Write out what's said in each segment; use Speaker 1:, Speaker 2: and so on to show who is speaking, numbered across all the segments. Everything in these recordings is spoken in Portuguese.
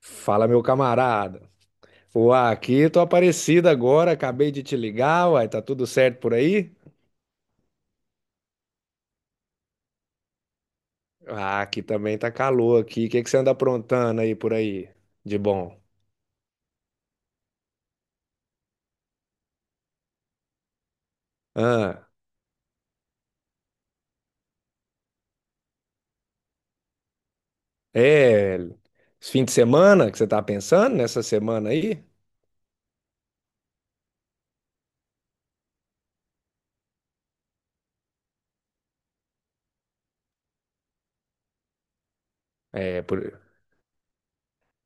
Speaker 1: Fala, meu camarada. Uai, aqui tô aparecido agora, acabei de te ligar, uai, tá tudo certo por aí? Ah, aqui também tá calor aqui. O que que você anda aprontando aí por aí? De bom. Ah, é, esse fim de semana que você tá pensando nessa semana aí? É, por,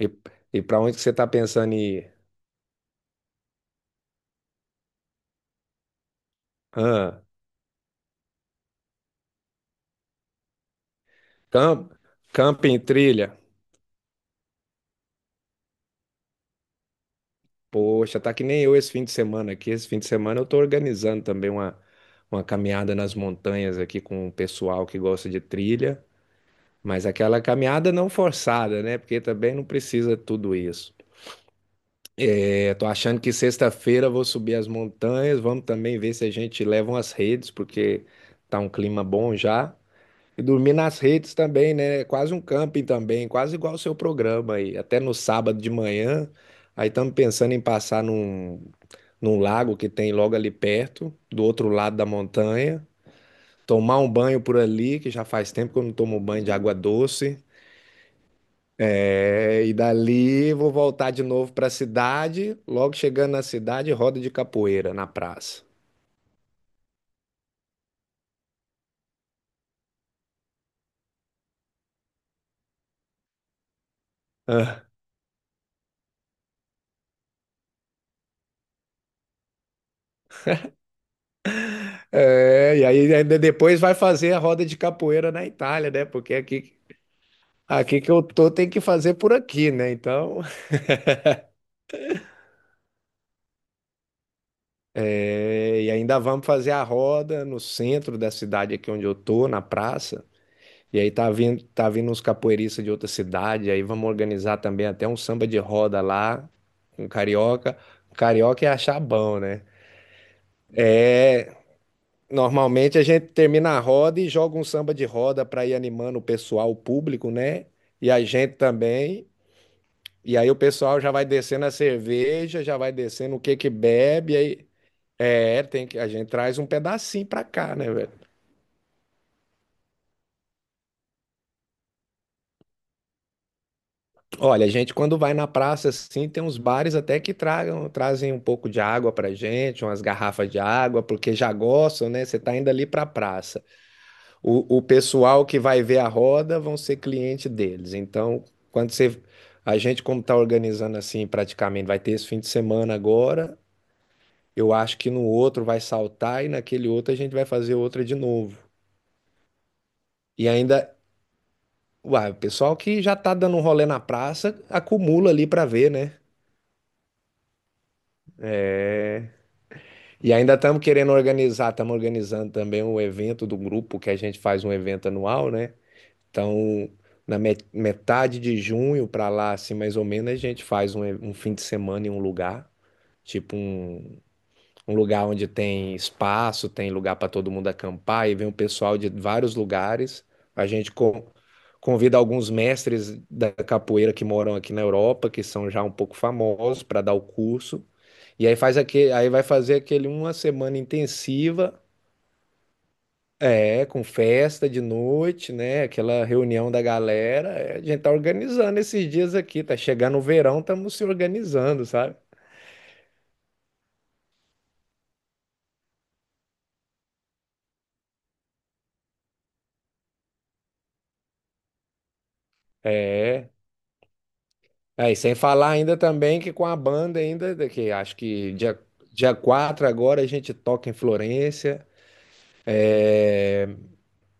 Speaker 1: e, e pra onde que você tá pensando em ir? Ah, camp, camping, trilha. Poxa, tá que nem eu esse fim de semana aqui. Esse fim de semana eu tô organizando também uma caminhada nas montanhas aqui com o pessoal que gosta de trilha, mas aquela caminhada não forçada, né? Porque também não precisa tudo isso. É, tô achando que sexta-feira eu vou subir as montanhas, vamos também ver se a gente leva umas redes, porque tá um clima bom já. E dormir nas redes também, né? É quase um camping também, quase igual o seu programa aí. Até no sábado de manhã, aí estamos pensando em passar num lago que tem logo ali perto, do outro lado da montanha, tomar um banho por ali, que já faz tempo que eu não tomo banho de água doce. É, e dali vou voltar de novo para a cidade. Logo chegando na cidade, roda de capoeira na praça. Ah, é, e aí ainda depois vai fazer a roda de capoeira na Itália, né? Porque aqui aqui que eu tô tem que fazer por aqui, né? Então, é, e ainda vamos fazer a roda no centro da cidade aqui onde eu tô, na praça. E aí tá vindo uns capoeiristas de outra cidade, aí vamos organizar também até um samba de roda lá, um carioca. Carioca é achar bom, né? Normalmente a gente termina a roda e joga um samba de roda para ir animando o pessoal, o público, né? E a gente também. E aí o pessoal já vai descendo a cerveja, já vai descendo o que que bebe, aí é, tem que, a gente traz um pedacinho pra cá, né, velho? Olha, a gente quando vai na praça assim, tem uns bares até que tragam, trazem um pouco de água pra gente, umas garrafas de água, porque já gostam, né? Você tá indo ali pra praça. O pessoal que vai ver a roda vão ser cliente deles. Então, quando você, a gente como tá organizando assim, praticamente vai ter esse fim de semana agora, eu acho que no outro vai saltar e naquele outro a gente vai fazer outra de novo. E ainda Uai, o pessoal que já tá dando um rolê na praça, acumula ali pra ver, né? E ainda estamos querendo organizar, estamos organizando também um evento do grupo, que a gente faz um evento anual, né? Então, na metade de junho pra lá, assim, mais ou menos, a gente faz um fim de semana em um lugar, tipo um um lugar onde tem espaço, tem lugar para todo mundo acampar, e vem um pessoal de vários lugares. A gente convida alguns mestres da capoeira que moram aqui na Europa, que são já um pouco famosos, para dar o curso. E aí vai fazer aquele uma semana intensiva, é, com festa de noite, né? Aquela reunião da galera. É, a gente tá organizando esses dias aqui, tá chegando o verão, estamos se organizando, sabe? É. É, e sem falar ainda também que com a banda ainda, que acho que dia 4 agora a gente toca em Florência,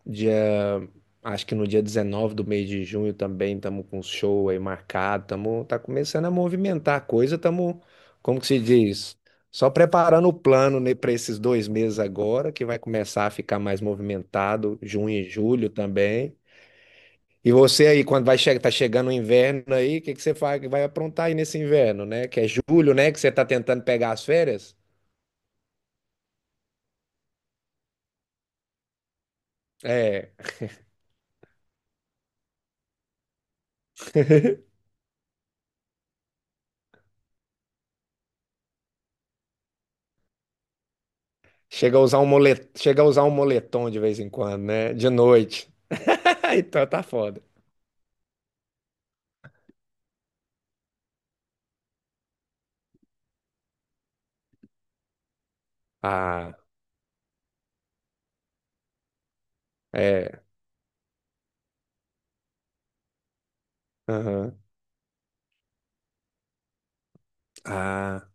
Speaker 1: dia, acho que no dia 19 do mês de junho também estamos com um show aí marcado, estamos, tá começando a movimentar a coisa, estamos, como que se diz, só preparando o plano, né, para esses dois meses agora, que vai começar a ficar mais movimentado, junho e julho também. E você aí, quando vai che tá chegando o inverno aí, o que que você faz, vai aprontar aí nesse inverno, né? Que é julho, né? Que você tá tentando pegar as férias? É. Chega a usar um moletom, chega a usar um moletom de vez em quando, né? De noite. Então tá foda. Ah, é. Aham. Ah,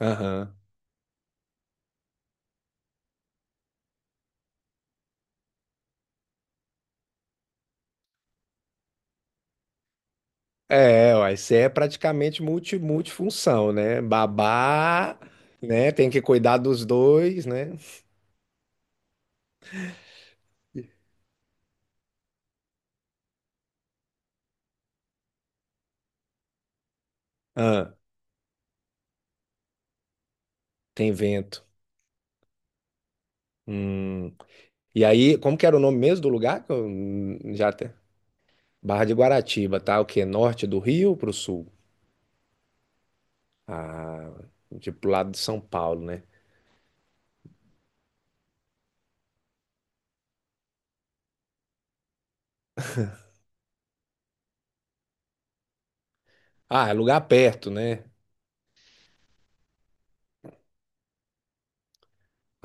Speaker 1: aham. É, uai, você é praticamente multifunção, né? Babá, né? Tem que cuidar dos dois, né? Ah, tem vento. Hum. E aí, como que era o nome mesmo do lugar? Que eu já até... Barra de Guaratiba, tá? O quê? Norte do Rio pro sul? Ah, tipo, pro lado de São Paulo, né? Ah, é lugar perto, né?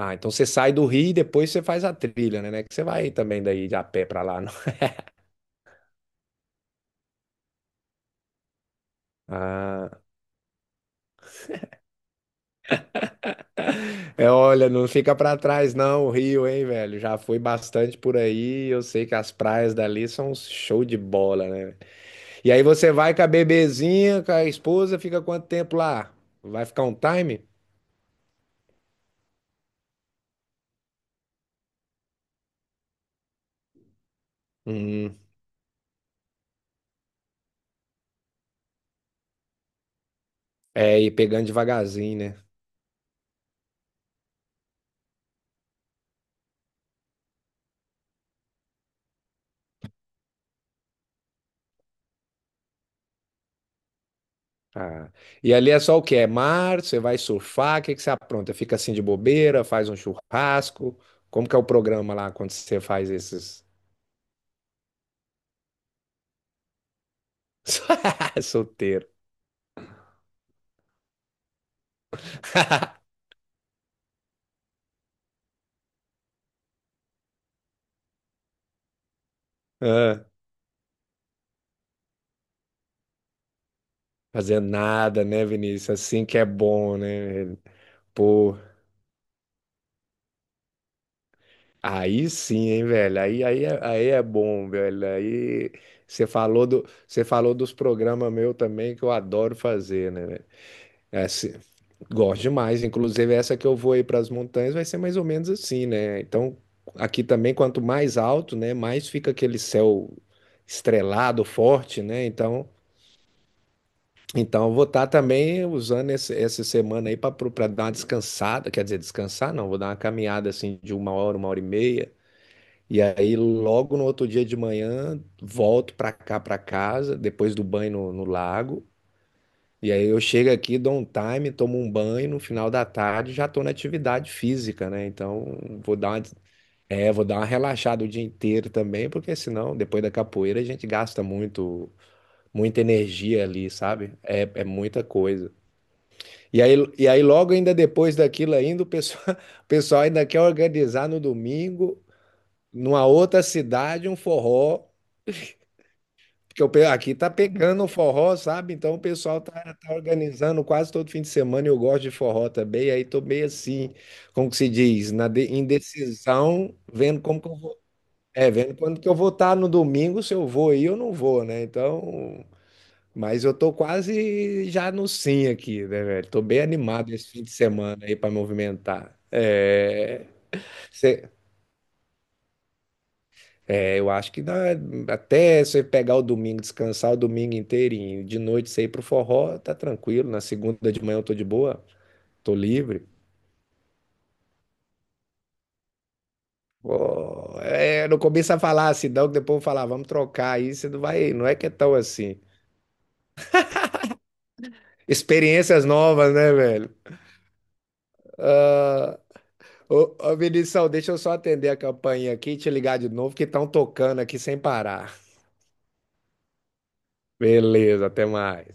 Speaker 1: Ah, então você sai do Rio e depois você faz a trilha, né? Não é que você vai também daí de a pé pra lá, não. Ah, é, olha, não fica pra trás não, o Rio, hein, velho? Já fui bastante por aí, eu sei que as praias dali são um show de bola, né? E aí você vai com a bebezinha, com a esposa, fica quanto tempo lá? Vai ficar um time? Uhum. É, e pegando devagarzinho, né? Ah. E ali é só o que é mar, você vai surfar, o que que você apronta? Fica assim de bobeira, faz um churrasco. Como que é o programa lá quando você faz esses. Solteiro. Ah, fazer nada, né, Vinícius? Assim que é bom, né, velho? Pô, aí sim, hein, velho? Aí é bom, velho. Aí você falou dos programas meu também que eu adoro fazer, né, velho? Gosto demais, inclusive essa que eu vou aí para as montanhas vai ser mais ou menos assim, né? Então, aqui também, quanto mais alto, né, mais fica aquele céu estrelado, forte, né? Então, então eu vou estar também usando essa semana aí para dar uma descansada, quer dizer, descansar não, vou dar uma caminhada assim de uma hora e meia. E aí, logo no outro dia de manhã, volto para cá, para casa, depois do banho no lago. E aí eu chego aqui, dou um time, tomo um banho, no final da tarde já estou na atividade física, né? Então vou dar uma, des- vou dar uma relaxada o dia inteiro também, porque senão depois da capoeira a gente gasta muito, muita energia ali, sabe? É, é muita coisa. E aí logo ainda depois daquilo ainda, o pessoal, o pessoal ainda quer organizar no domingo, numa outra cidade, um forró. Porque aqui tá pegando o forró, sabe? Então o pessoal tá organizando quase todo fim de semana. E eu gosto de forró também. Aí tô meio assim, como que se diz, na indecisão, vendo como que eu vou. É, vendo quando que eu vou estar no domingo, se eu vou aí ou não vou, né? Então, mas eu tô quase já no sim aqui, né, velho? Tô bem animado esse fim de semana aí para movimentar. É... É, eu acho que dá, até você pegar o domingo, descansar o domingo inteirinho, de noite você ir pro forró, tá tranquilo. Na segunda de manhã eu tô de boa, tô livre. Pô, é, não começa a falar assim, não, que depois eu vou falar, "Ah, vamos trocar aí, você não vai, não é que é tão assim. Experiências novas, né, velho? Ah, ô, ô Vinição, deixa eu só atender a campainha aqui e te ligar de novo, que estão tocando aqui sem parar. Beleza, até mais.